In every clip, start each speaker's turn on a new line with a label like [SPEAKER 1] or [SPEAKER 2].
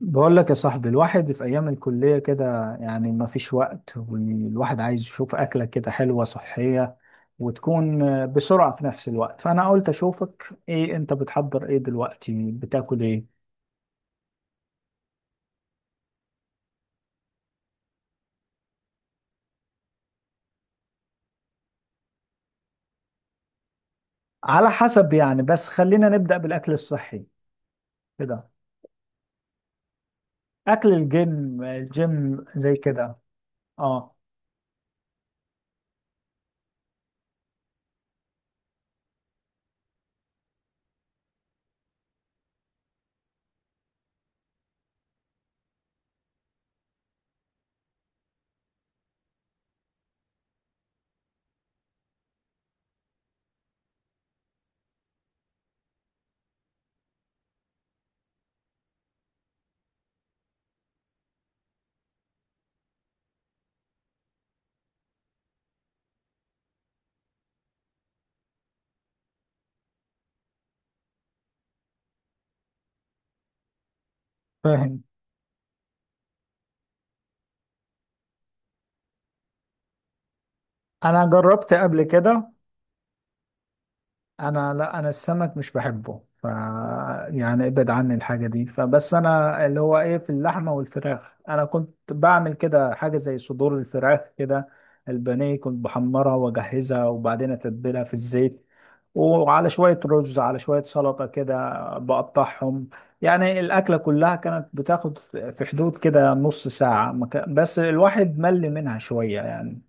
[SPEAKER 1] بقول لك يا صاحبي، الواحد في أيام الكلية كده يعني ما فيش وقت، والواحد عايز يشوف أكلة كده حلوة صحية وتكون بسرعة في نفس الوقت. فأنا قلت أشوفك، إيه أنت بتحضر؟ إيه دلوقتي بتاكل؟ إيه على حسب يعني، بس خلينا نبدأ بالأكل الصحي كده، أكل الجيم زي كده. أه. فاهم. أنا جربت قبل كده. لا، انا السمك مش بحبه، يعني ابعد عني الحاجه دي، فبس انا اللي هو ايه، في اللحمه والفراخ انا كنت بعمل كده حاجه زي صدور الفراخ كده. البانيه كنت بحمرها واجهزها، وبعدين اتبلها في الزيت، وعلى شويه رز على شويه سلطه كده بقطعهم. يعني الاكله كلها كانت بتاخد في حدود كده نص ساعه، ما كان- بس الواحد مل منها شويه يعني.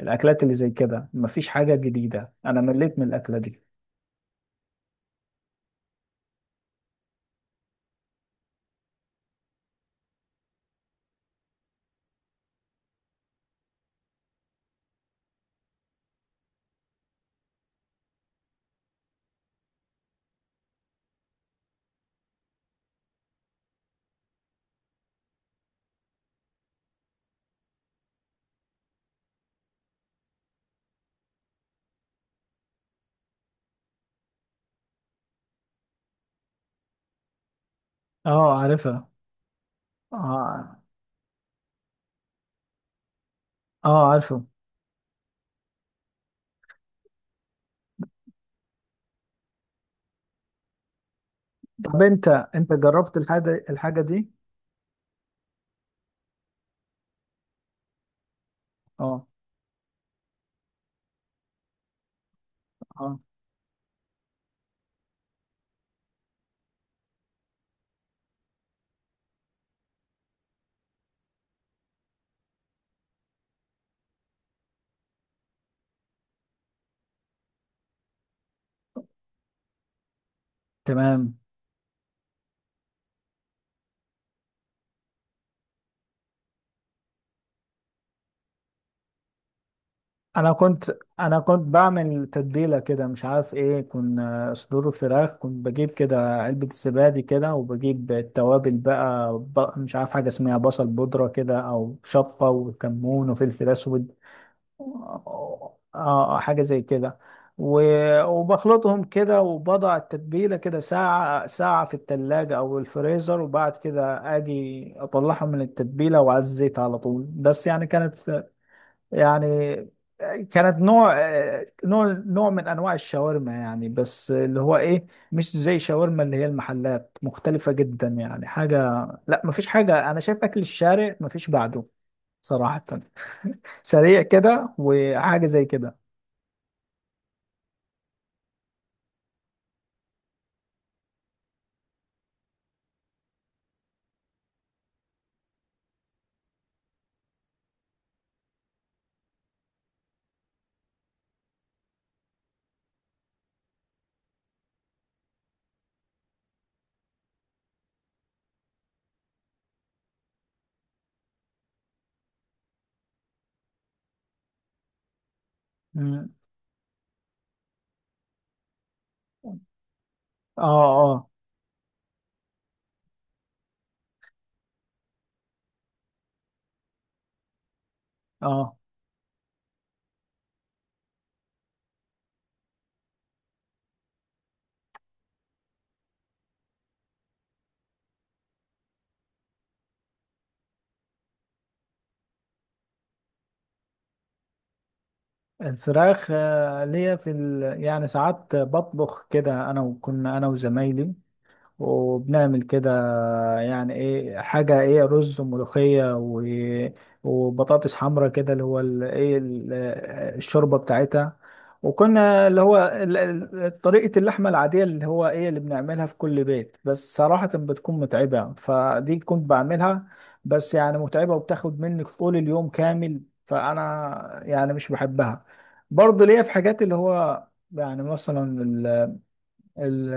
[SPEAKER 1] الاكلات اللي زي كده مفيش حاجه جديده، انا مليت من الاكله دي. اه، عارفها. اه. اه، عارفه. طب انت جربت الحاجه دي؟ اه. اه. تمام. انا كنت بعمل تتبيله كده، مش عارف ايه، كنا صدور الفراخ كنت بجيب كده علبه زبادي كده، وبجيب التوابل بقى مش عارف حاجه اسمها بصل بودره كده، او شطه وكمون وفلفل اسود. اه، آه، آه، حاجة زي كده. وبخلطهم كده، وبضع التتبيلة كده ساعة ساعة في التلاجة أو الفريزر، وبعد كده أجي أطلعها من التتبيلة وعلى الزيت على طول. بس يعني كانت، يعني كانت نوع آه، نوع نوع من أنواع الشاورما يعني، بس اللي هو إيه مش زي شاورما اللي هي المحلات، مختلفة جدا يعني حاجة. لا، مفيش حاجة، أنا شايف أكل الشارع مفيش بعده صراحة، سريع كده وحاجة زي كده. مم. اه. اه. اه. الفراخ، ليا في يعني ساعات بطبخ كده انا، وكنا انا وزمايلي وبنعمل كده، يعني ايه، حاجة ايه، رز وملوخية وبطاطس حمرا كده، اللي هو الشوربة بتاعتها. وكنا اللي هو طريقة اللحمة العادية اللي هو ايه اللي بنعملها في كل بيت، بس صراحة بتكون متعبة، فدي كنت بعملها. بس يعني متعبة وبتاخد منك طول اليوم كامل، فأنا يعني مش بحبها. برضه ليا في حاجات اللي هو يعني مثلا ال-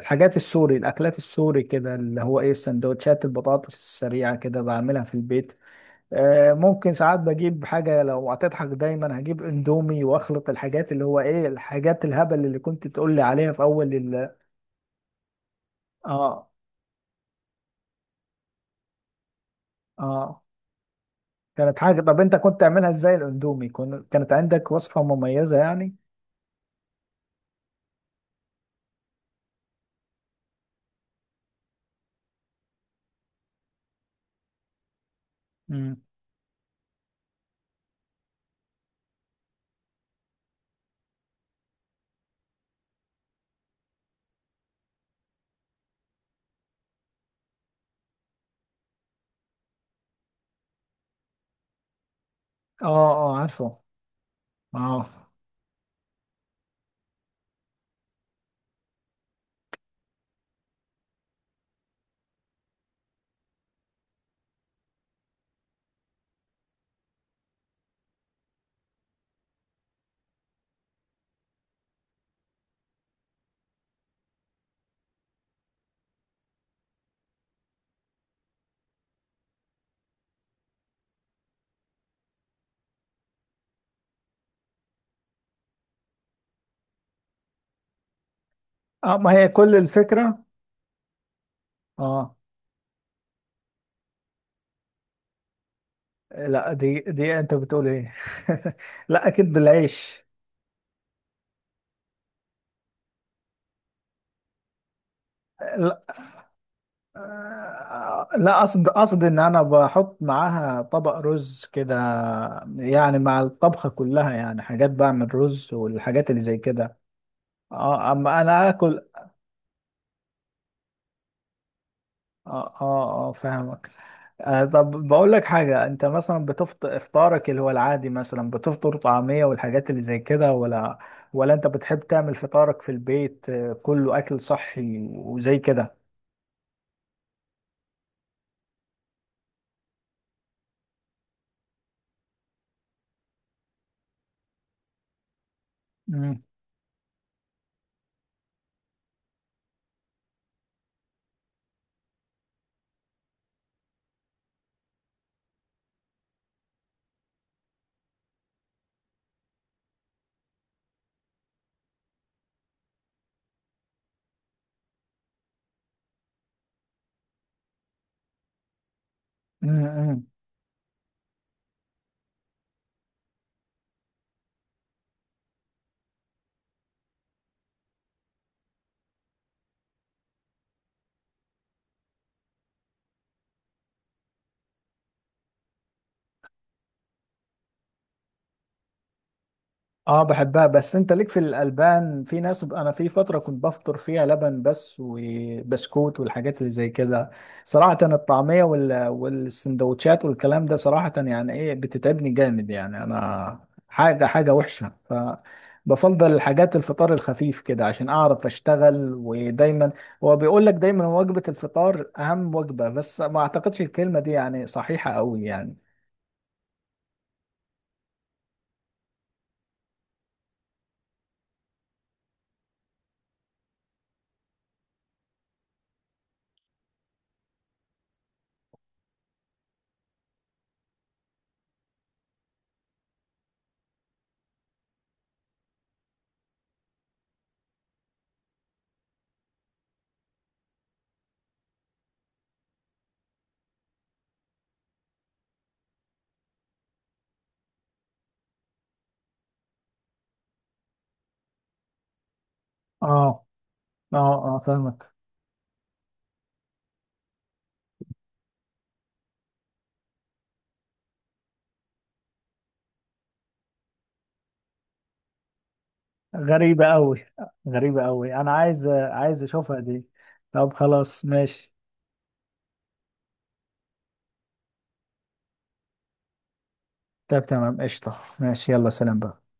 [SPEAKER 1] الحاجات السوري، الاكلات السوري كده، اللي هو ايه السندوتشات، البطاطس السريعه كده بعملها في البيت. ممكن ساعات بجيب حاجه، لو هتضحك دايما هجيب اندومي واخلط الحاجات اللي هو ايه الحاجات الهبل اللي كنت تقول لي عليها في اول اه. اه. كانت حاجه. طب انت كنت تعملها ازاي الاندومي؟ كانت عندك وصفه مميزه يعني؟ امم. اه. اه، عارفه. اه. اه، ما هي كل الفكره. اه. لا، دي انت بتقول ايه؟ لا، اكيد بالعيش. لا، لا، قصد ان انا بحط معاها طبق رز كده. يعني مع الطبخة كلها، يعني حاجات بعمل رز والحاجات اللي زي كده. اه. اما انا اكل. اه. اه. اه، فاهمك. طب بقول لك حاجة، انت مثلا بتفطر افطارك اللي هو العادي، مثلا بتفطر طعمية والحاجات اللي زي كده، ولا انت بتحب تعمل فطارك في البيت كله اكل صحي وزي كده؟ مم. مم. مم. اه، بحبها. بس انت ليك في الالبان، في ناس، انا في فتره كنت بفطر فيها لبن بس وبسكوت والحاجات اللي زي كده. صراحه الطعميه والسندوتشات والكلام ده، صراحه يعني ايه بتتعبني جامد يعني، انا حاجه حاجه وحشه. فبفضل الحاجات الفطار الخفيف كده عشان اعرف اشتغل. ودايما هو بيقول لك دايما وجبه الفطار اهم وجبه، بس ما اعتقدش الكلمه دي يعني صحيحه قوي يعني. اه. اه. اه، فاهمك. غريبة أوي. غريبة أوي، أنا عايز عايز أشوفها دي. طب خلاص ماشي. طب تمام قشطة، ماشي، يلا سلام بقى.